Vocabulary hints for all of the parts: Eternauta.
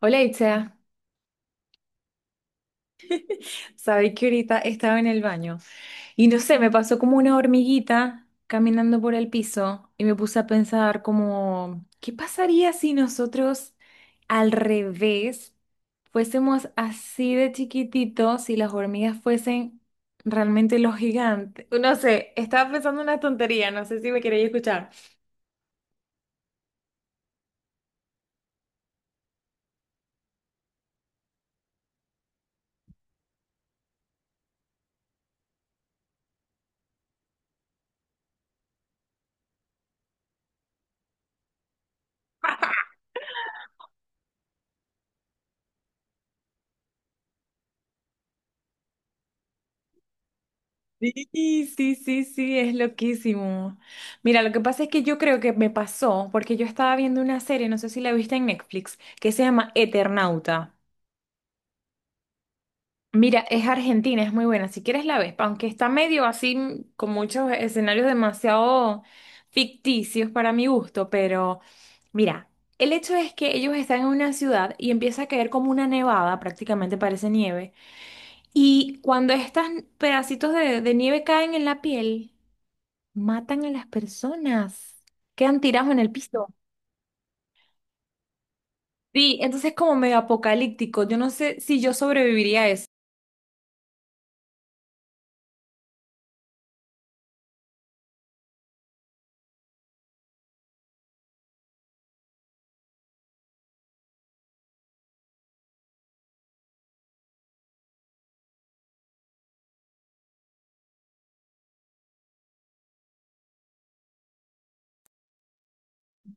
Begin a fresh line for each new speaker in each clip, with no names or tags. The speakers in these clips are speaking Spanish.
Hola Itza, sabéis que ahorita estaba en el baño y no sé, me pasó como una hormiguita caminando por el piso y me puse a pensar como, ¿qué pasaría si nosotros al revés fuésemos así de chiquititos si las hormigas fuesen realmente los gigantes? No sé, estaba pensando una tontería, no sé si me queréis escuchar. Sí, sí, sí, sí, es loquísimo. Mira, lo que pasa es que yo creo que me pasó, porque yo estaba viendo una serie, no sé si la viste en Netflix, que se llama Eternauta. Mira, es argentina, es muy buena, si quieres la ves, aunque está medio así, con muchos escenarios demasiado ficticios para mi gusto, pero mira, el hecho es que ellos están en una ciudad y empieza a caer como una nevada, prácticamente parece nieve, y cuando estos pedacitos de nieve caen en la piel, matan a las personas. Quedan tirados en el piso. Sí, entonces es como medio apocalíptico. Yo no sé si yo sobreviviría a eso.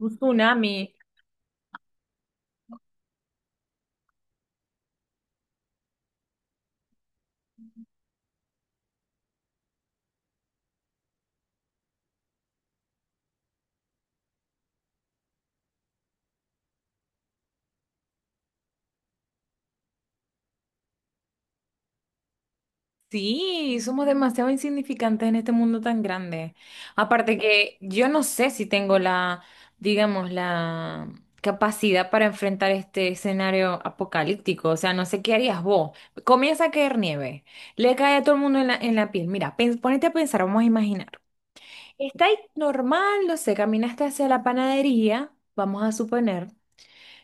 Un tsunami. Sí, somos demasiado insignificantes en este mundo tan grande. Aparte que yo no sé si tengo la, digamos, la capacidad para enfrentar este escenario apocalíptico. O sea, no sé qué harías vos. Comienza a caer nieve. Le cae a todo el mundo en la piel. Mira, ponete a pensar, vamos a imaginar. Está ahí normal, no sé, caminaste hacia la panadería, vamos a suponer,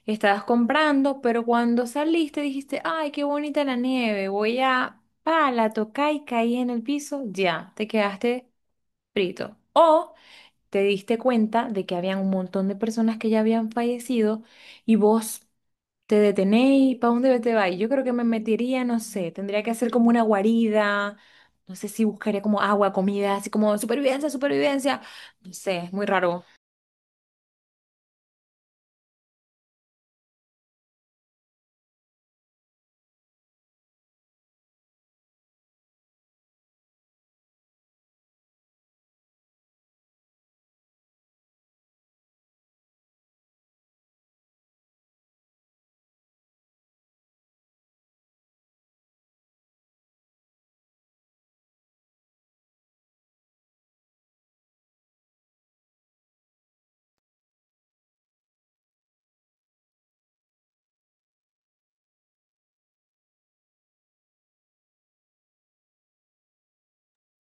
estabas comprando, pero cuando saliste dijiste, ay, qué bonita la nieve, voy a, pa, la toqué y caí en el piso, ya, te quedaste frito. O te diste cuenta de que habían un montón de personas que ya habían fallecido y vos te detenés, ¿para dónde te vas? Yo creo que me metería, no sé, tendría que hacer como una guarida, no sé si buscaría como agua, comida, así como supervivencia, supervivencia, no sé, es muy raro.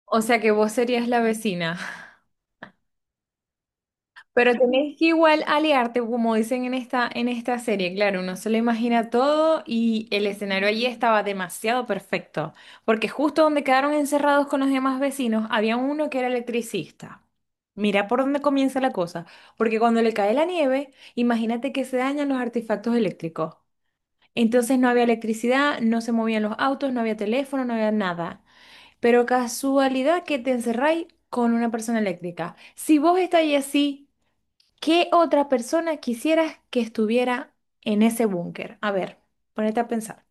O sea que vos serías la vecina. Pero tenés que igual aliarte, como dicen en esta serie, claro, uno se lo imagina todo y el escenario allí estaba demasiado perfecto, porque justo donde quedaron encerrados con los demás vecinos, había uno que era electricista. Mira por dónde comienza la cosa, porque cuando le cae la nieve, imagínate que se dañan los artefactos eléctricos. Entonces no había electricidad, no se movían los autos, no había teléfono, no había nada. Pero casualidad que te encerráis con una persona eléctrica. Si vos estáis así... ¿Qué otra persona quisieras que estuviera en ese búnker? A ver, ponete a pensar.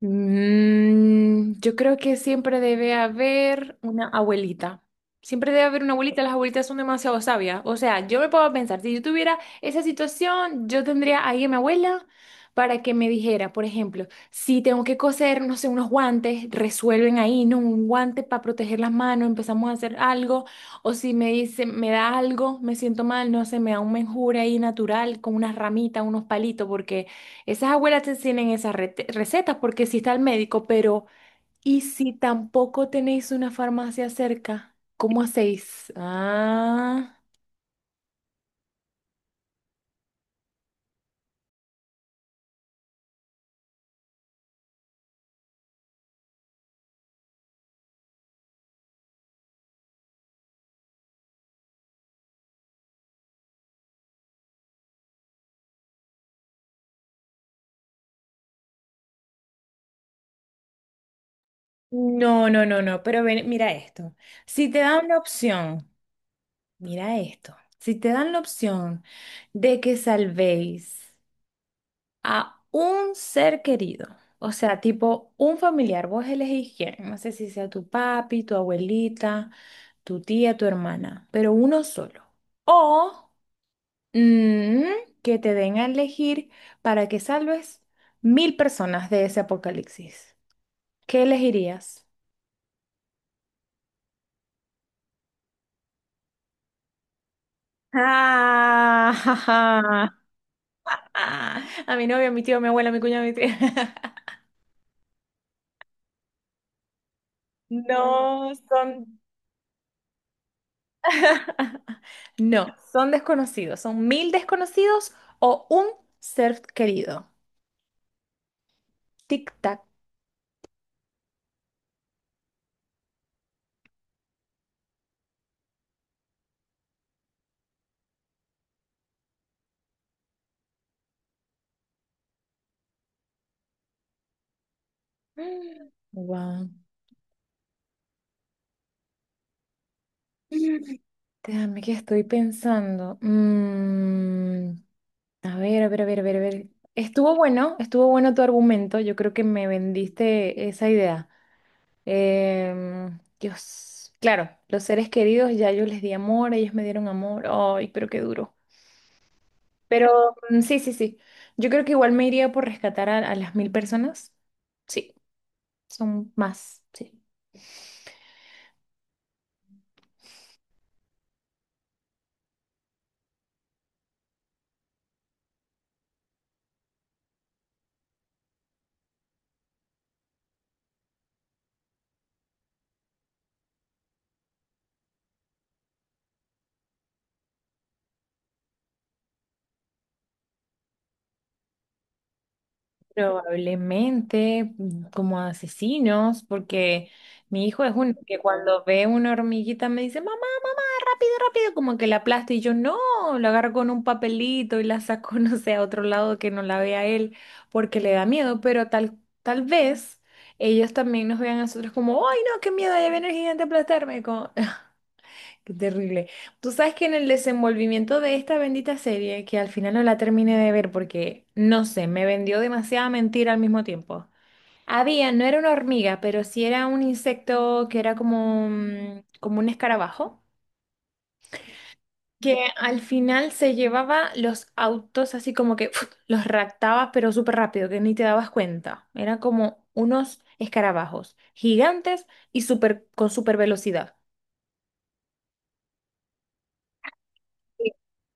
Yo creo que siempre debe haber una abuelita. Siempre debe haber una abuelita. Las abuelitas son demasiado sabias. O sea, yo me puedo pensar, si yo tuviera esa situación, yo tendría ahí a mi abuela para que me dijera, por ejemplo, si tengo que coser, no sé, unos guantes, resuelven ahí, ¿no? Un guante para proteger las manos, empezamos a hacer algo. O si me dice, me da algo, me siento mal, no sé, me da un menjure ahí natural con unas ramitas, unos palitos, porque... Esas abuelas te enseñan esas recetas porque si está el médico, pero ¿y si tampoco tenéis una farmacia cerca? ¿Cómo hacéis? Ah, no, no, no, no, pero ven, mira esto. Si te dan la opción, mira esto. Si te dan la opción de que salvéis a un ser querido, o sea, tipo un familiar, vos elegís quién, no sé si sea tu papi, tu abuelita, tu tía, tu hermana, pero uno solo. O Mm, que te den a elegir para que salves 1000 personas de ese apocalipsis. ¿Qué elegirías? Ah, ja, ja. Ah, a mi novio, a mi tío, a mi abuela, a mi cuñado, a mi tía. No son. No, son desconocidos. Son 1000 desconocidos o un ser querido. Tic-tac. Wow. Déjame que estoy pensando. Mm. A ver, a ver, a ver, a ver, a ver. Estuvo bueno tu argumento. Yo creo que me vendiste esa idea. Dios, claro, los seres queridos ya yo les di amor, ellos me dieron amor. Ay, pero qué duro. Pero sí, sí, sí. Yo creo que igual me iría por rescatar a las 1000 personas. Sí, son más, sí. Probablemente como asesinos, porque mi hijo es uno que cuando ve una hormiguita me dice, mamá. Rápido, rápido, como que la aplasta y yo no, la agarro con un papelito y la saco, no sé, a otro lado que no la vea él, porque le da miedo, pero tal vez ellos también nos vean a nosotros como, ay, no, qué miedo, ahí viene el gigante a aplastarme, como, qué terrible. Tú sabes que en el desenvolvimiento de esta bendita serie, que al final no la terminé de ver porque, no sé, me vendió demasiada mentira al mismo tiempo. Había, no era una hormiga, pero sí era un insecto que era como, como un escarabajo que al final se llevaba los autos así como que ¡fuf! Los raptaba, pero súper rápido, que ni te dabas cuenta. Eran como unos escarabajos gigantes y súper, con súper velocidad. Sí.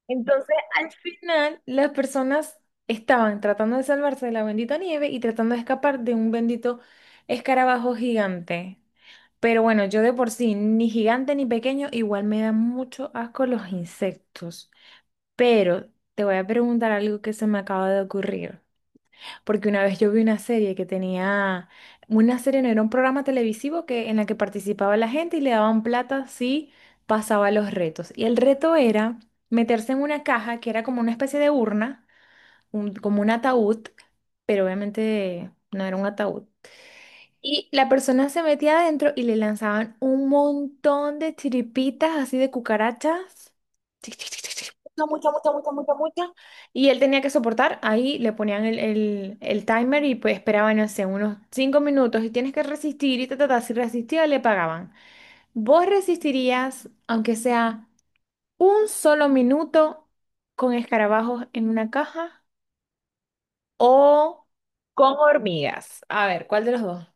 Entonces, al final, las personas estaban tratando de salvarse de la bendita nieve y tratando de escapar de un bendito escarabajo gigante. Pero bueno, yo de por sí, ni gigante ni pequeño, igual me dan mucho asco los insectos. Pero te voy a preguntar algo que se me acaba de ocurrir. Porque una vez yo vi una serie que tenía, una serie no era un programa televisivo que, en la que participaba la gente y le daban plata si pasaba los retos. Y el reto era meterse en una caja que era como una especie de urna, como un ataúd, pero obviamente no era un ataúd. Y la persona se metía adentro y le lanzaban un montón de chiripitas así de cucarachas. Tic, tic, tic, tic, tic. Mucha, mucha, mucha, mucha, mucha, mucha. Y él tenía que soportar. Ahí le ponían el timer y pues esperaban, no sé, unos 5 minutos y tienes que resistir y ta, ta, ta. Si resistía, le pagaban. ¿Vos resistirías, aunque sea un solo minuto, con escarabajos en una caja o con hormigas? A ver, ¿cuál de los dos?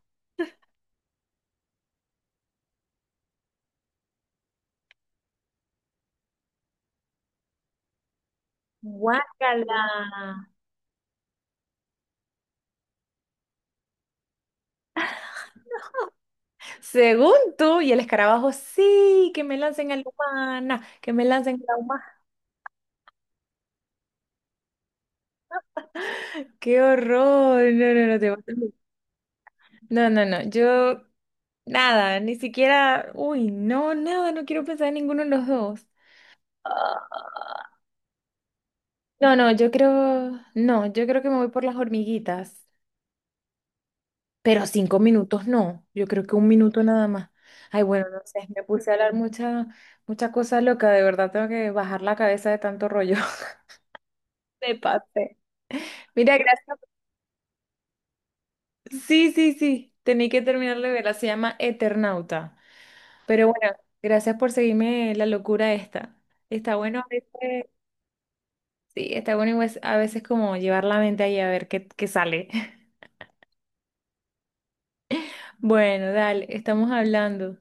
Guácala. Según tú, y el escarabajo, sí, que me lancen a la humana, que me lancen a la humana. ¡Qué horror! No, no, no, te vas a- No, no, no, yo nada, ni siquiera, uy, no, nada, no quiero pensar en ninguno de los dos. No, no, yo creo, no, yo creo que me voy por las hormiguitas, pero 5 minutos no, yo creo que 1 minuto nada más. Ay, bueno, no sé, me puse a hablar mucha, mucha cosa loca, de verdad tengo que bajar la cabeza de tanto rollo. Me pasé. Mira, gracias. Sí, sí, sí, tenía que terminar de verla, se llama Eternauta. Pero bueno, gracias por seguirme la locura esta. Está bueno a veces, sí, está bueno a veces como llevar la mente ahí a ver qué, qué sale. Bueno, dale, estamos hablando.